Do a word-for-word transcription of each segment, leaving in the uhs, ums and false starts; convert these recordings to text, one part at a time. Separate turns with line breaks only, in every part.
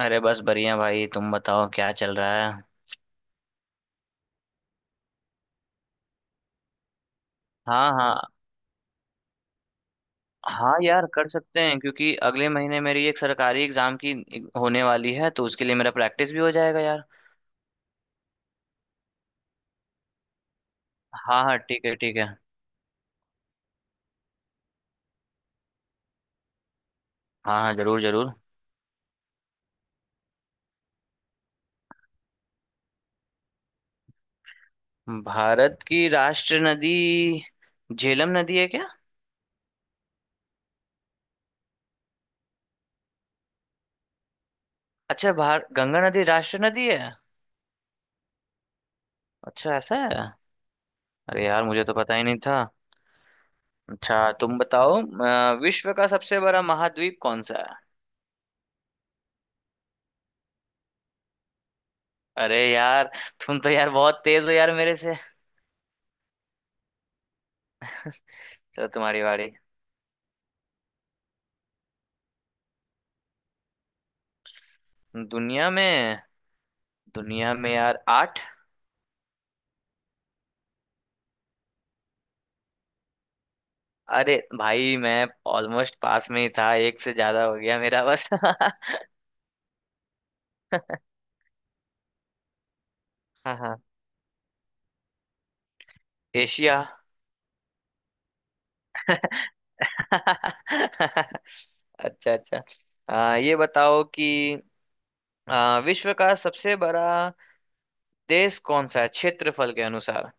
अरे बस बढ़िया भाई। तुम बताओ क्या चल रहा है। हाँ हाँ। हाँ यार, कर सकते हैं क्योंकि अगले महीने मेरी एक सरकारी एग्जाम की होने वाली है तो उसके लिए मेरा प्रैक्टिस भी हो जाएगा यार। हाँ हाँ, ठीक है ठीक है। हाँ हाँ, जरूर जरूर। भारत की राष्ट्र नदी झेलम नदी है क्या? अच्छा, भार गंगा नदी राष्ट्र नदी है। अच्छा, ऐसा है। अरे यार, मुझे तो पता ही नहीं था। अच्छा। तुम बताओ अ, विश्व का सबसे बड़ा महाद्वीप कौन सा है? अरे यार। तुम तो यार बहुत तेज हो यार मेरे से। चलो, तुम्हारी बारी। दुनिया में। दुनिया में यार आठ। अरे भाई, मैं ऑलमोस्ट पास में ही था, एक से ज्यादा हो गया मेरा बस। हाँ। हाँ। एशिया। अच्छा अच्छा। आ, ये बताओ कि आ, विश्व का सबसे बड़ा देश कौन सा है क्षेत्रफल के अनुसार?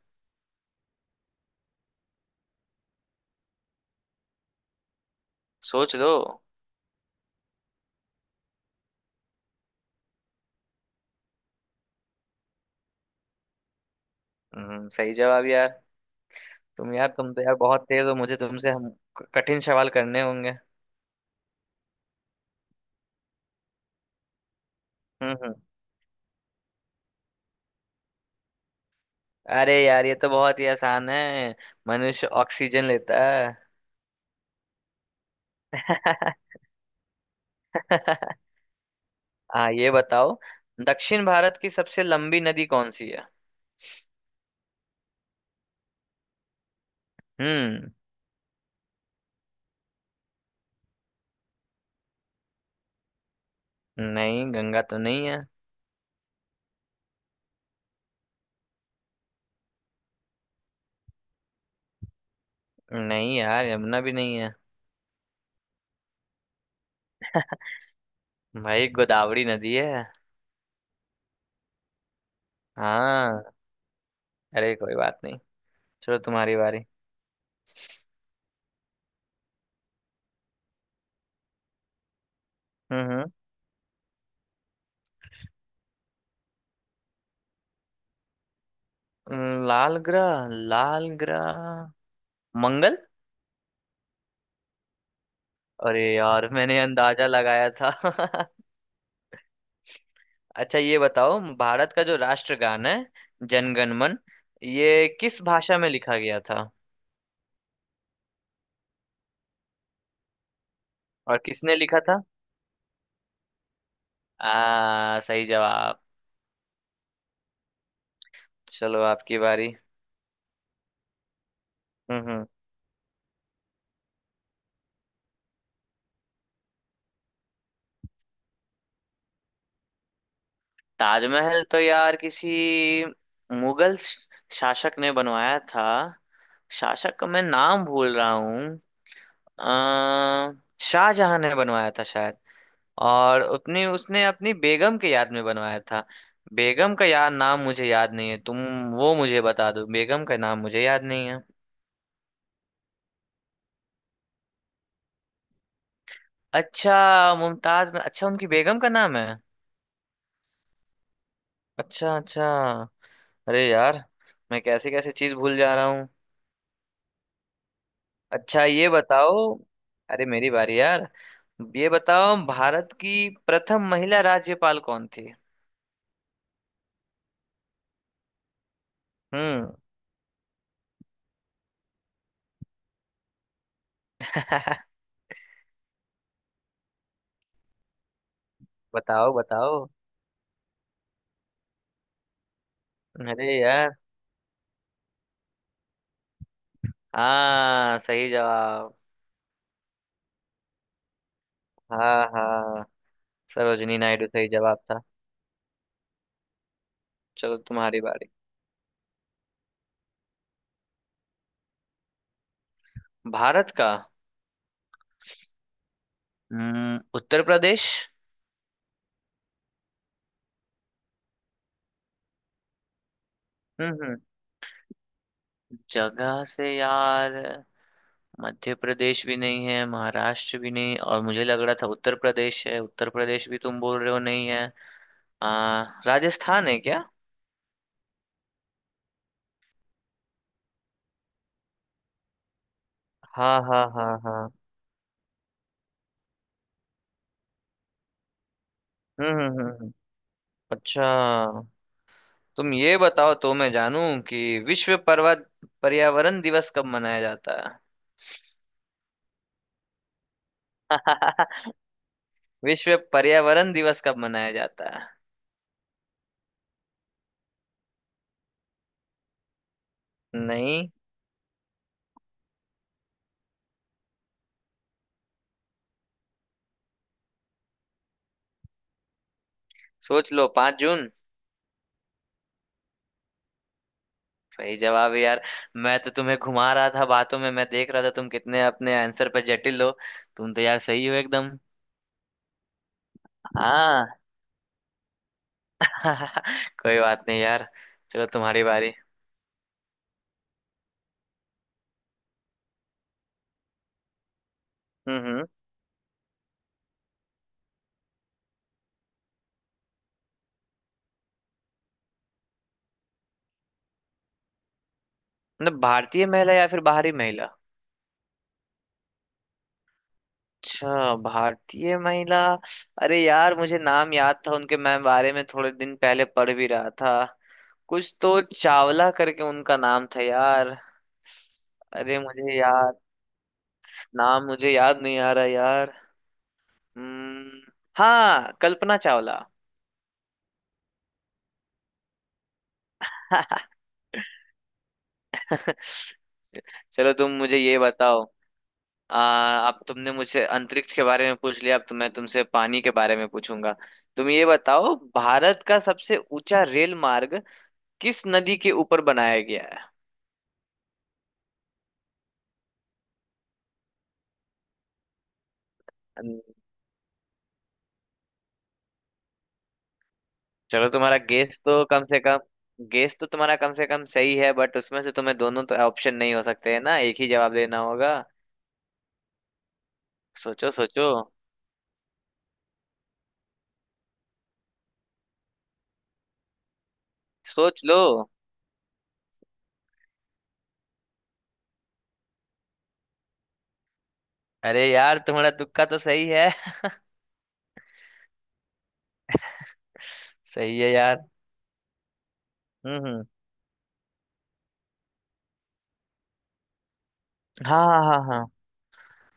सोच लो। हम्म, सही जवाब यार। तुम यार, तुम तो यार बहुत तेज हो, मुझे तुमसे हम क- कठिन सवाल करने होंगे। हम्म हम्म। अरे यार, ये तो बहुत ही आसान है। मनुष्य ऑक्सीजन लेता है। हाँ, ये बताओ। दक्षिण भारत की सबसे लंबी नदी कौन सी है? हम्म। नहीं, गंगा तो नहीं है। नहीं यार, यमुना भी नहीं है। भाई, गोदावरी नदी है। हाँ। अरे, कोई बात नहीं। चलो, तुम्हारी बारी। हम्म हम्म लाल ग्रह, लाल ग्रह, मंगल। अरे यार, मैंने अंदाजा लगाया था। अच्छा, ये बताओ, भारत का जो राष्ट्रगान है, जनगण मन, ये किस भाषा में लिखा गया था? और किसने लिखा था? आ सही जवाब। चलो आपकी बारी। हम्म हम्म। ताजमहल तो यार किसी मुगल श- शासक ने बनवाया था। शासक का मैं नाम भूल रहा हूँ। आ शाहजहां ने बनवाया था शायद। और अपनी, उसने अपनी बेगम के याद में बनवाया था। बेगम का याद नाम मुझे याद नहीं है, तुम वो मुझे बता दो, बेगम का नाम मुझे याद नहीं है। अच्छा, मुमताज, अच्छा उनकी बेगम का नाम है। अच्छा अच्छा। अरे यार, मैं कैसे कैसे चीज भूल जा रहा हूँ। अच्छा, ये बताओ। अरे, मेरी बारी यार। ये बताओ, भारत की प्रथम महिला राज्यपाल कौन थी? हम्म। बताओ बताओ। अरे यार। हाँ, सही जवाब। हाँ हाँ। सरोजिनी नायडू, सही जवाब था। चलो, तुम्हारी बारी। भारत का? हम्म, उत्तर प्रदेश। हम्म हम्म। जगह से यार, मध्य प्रदेश भी नहीं है, महाराष्ट्र भी नहीं, और मुझे लग रहा था उत्तर प्रदेश है, उत्तर प्रदेश भी तुम बोल रहे हो नहीं है। आ, राजस्थान है क्या? हाँ हाँ हाँ हाँ। हम्म हम्म हम्म, हम्म। अच्छा। तुम ये बताओ तो मैं जानूं कि विश्व पर्वत पर्यावरण दिवस कब मनाया जाता है? विश्व पर्यावरण दिवस कब मनाया जाता है? नहीं। सोच लो, पांच जून। सही जवाब है यार। मैं तो तुम्हें घुमा रहा था बातों में, मैं देख रहा था तुम कितने अपने आंसर पर जटिल हो। तुम तो यार सही हो एकदम। हाँ। कोई बात नहीं यार। चलो, तुम्हारी बारी। हम्म हम्म। मतलब, भारतीय महिला या फिर बाहरी महिला? अच्छा, भारतीय महिला। अरे यार, मुझे नाम याद था उनके, मैं बारे में थोड़े दिन पहले पढ़ भी रहा था। कुछ तो चावला करके उनका नाम था यार। अरे, मुझे याद नाम मुझे याद नहीं आ रहा यार। हम्म। हाँ, कल्पना चावला। चलो, तुम मुझे ये बताओ। आ, अब तुमने मुझसे अंतरिक्ष के बारे में पूछ लिया, अब तो मैं तुमसे पानी के बारे में पूछूंगा। तुम ये बताओ, भारत का सबसे ऊंचा रेल मार्ग किस नदी के ऊपर बनाया गया है? अन- चलो, तुम्हारा गेस तो कम से कम गेस तो तुम्हारा कम से कम सही है, बट उसमें से तुम्हें दोनों तो ऑप्शन नहीं हो सकते है ना, एक ही जवाब देना होगा। सोचो सोचो। सोच लो। अरे यार, तुम्हारा तुक्का तो सही है। सही है यार। हम्म हम्म। हाँ हाँ हाँ हाँ।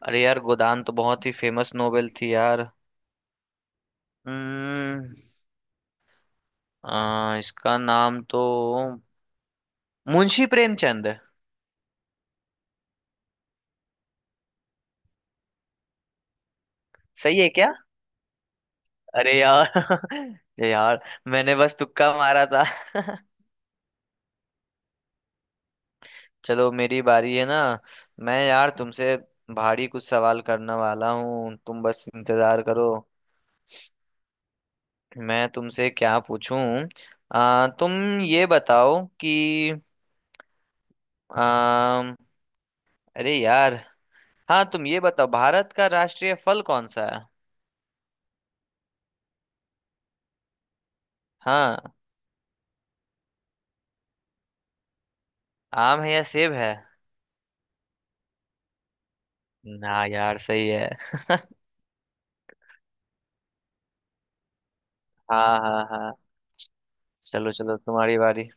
अरे यार, गोदान तो बहुत ही फेमस नोवेल थी यार। हम्म। आ, इसका नाम तो मुंशी प्रेमचंद है। सही है क्या? अरे यार। अरे यार, मैंने बस तुक्का मारा था। चलो, मेरी बारी है ना। मैं यार तुमसे भारी कुछ सवाल करने वाला हूँ, तुम बस इंतजार करो। मैं तुमसे क्या पूछूं। आ, तुम ये बताओ कि आ, अरे यार। हाँ, तुम ये बताओ, भारत का राष्ट्रीय फल कौन सा है? हाँ। आम है या सेब है? ना यार, सही है। हाँ हाँ हाँ। चलो चलो, तुम्हारी बारी।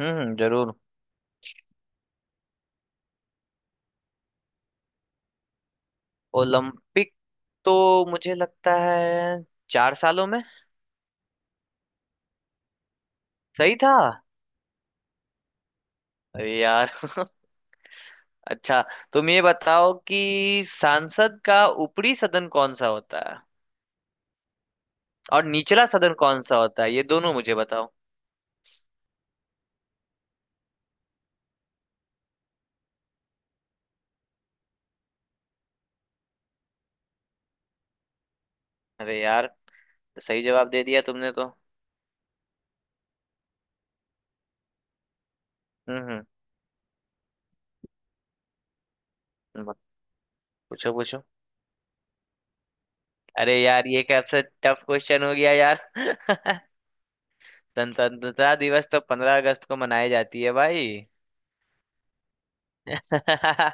हम्म हम्म, जरूर। ओलंपिक, तो मुझे लगता है चार सालों में। सही था। अरे यार। अच्छा, तुम ये बताओ कि सांसद का ऊपरी सदन कौन सा होता है और निचला सदन कौन सा होता है, ये दोनों मुझे बताओ। अरे यार, सही जवाब दे दिया तुमने तो। हम्म हम्म। मत- पूछो पूछो। अरे यार, ये कैसा टफ क्वेश्चन हो गया यार। स्वतंत्रता दिवस तो पंद्रह अगस्त को मनाई जाती है भाई। हम्म।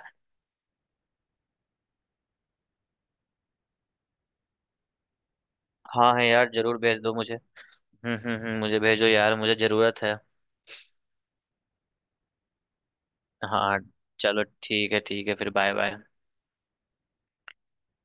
हाँ है यार, जरूर भेज दो मुझे। हम्म हम्म, हम्म, मुझे भेजो यार मुझे जरूरत है। हाँ। चलो ठीक है ठीक है, फिर बाय बाय।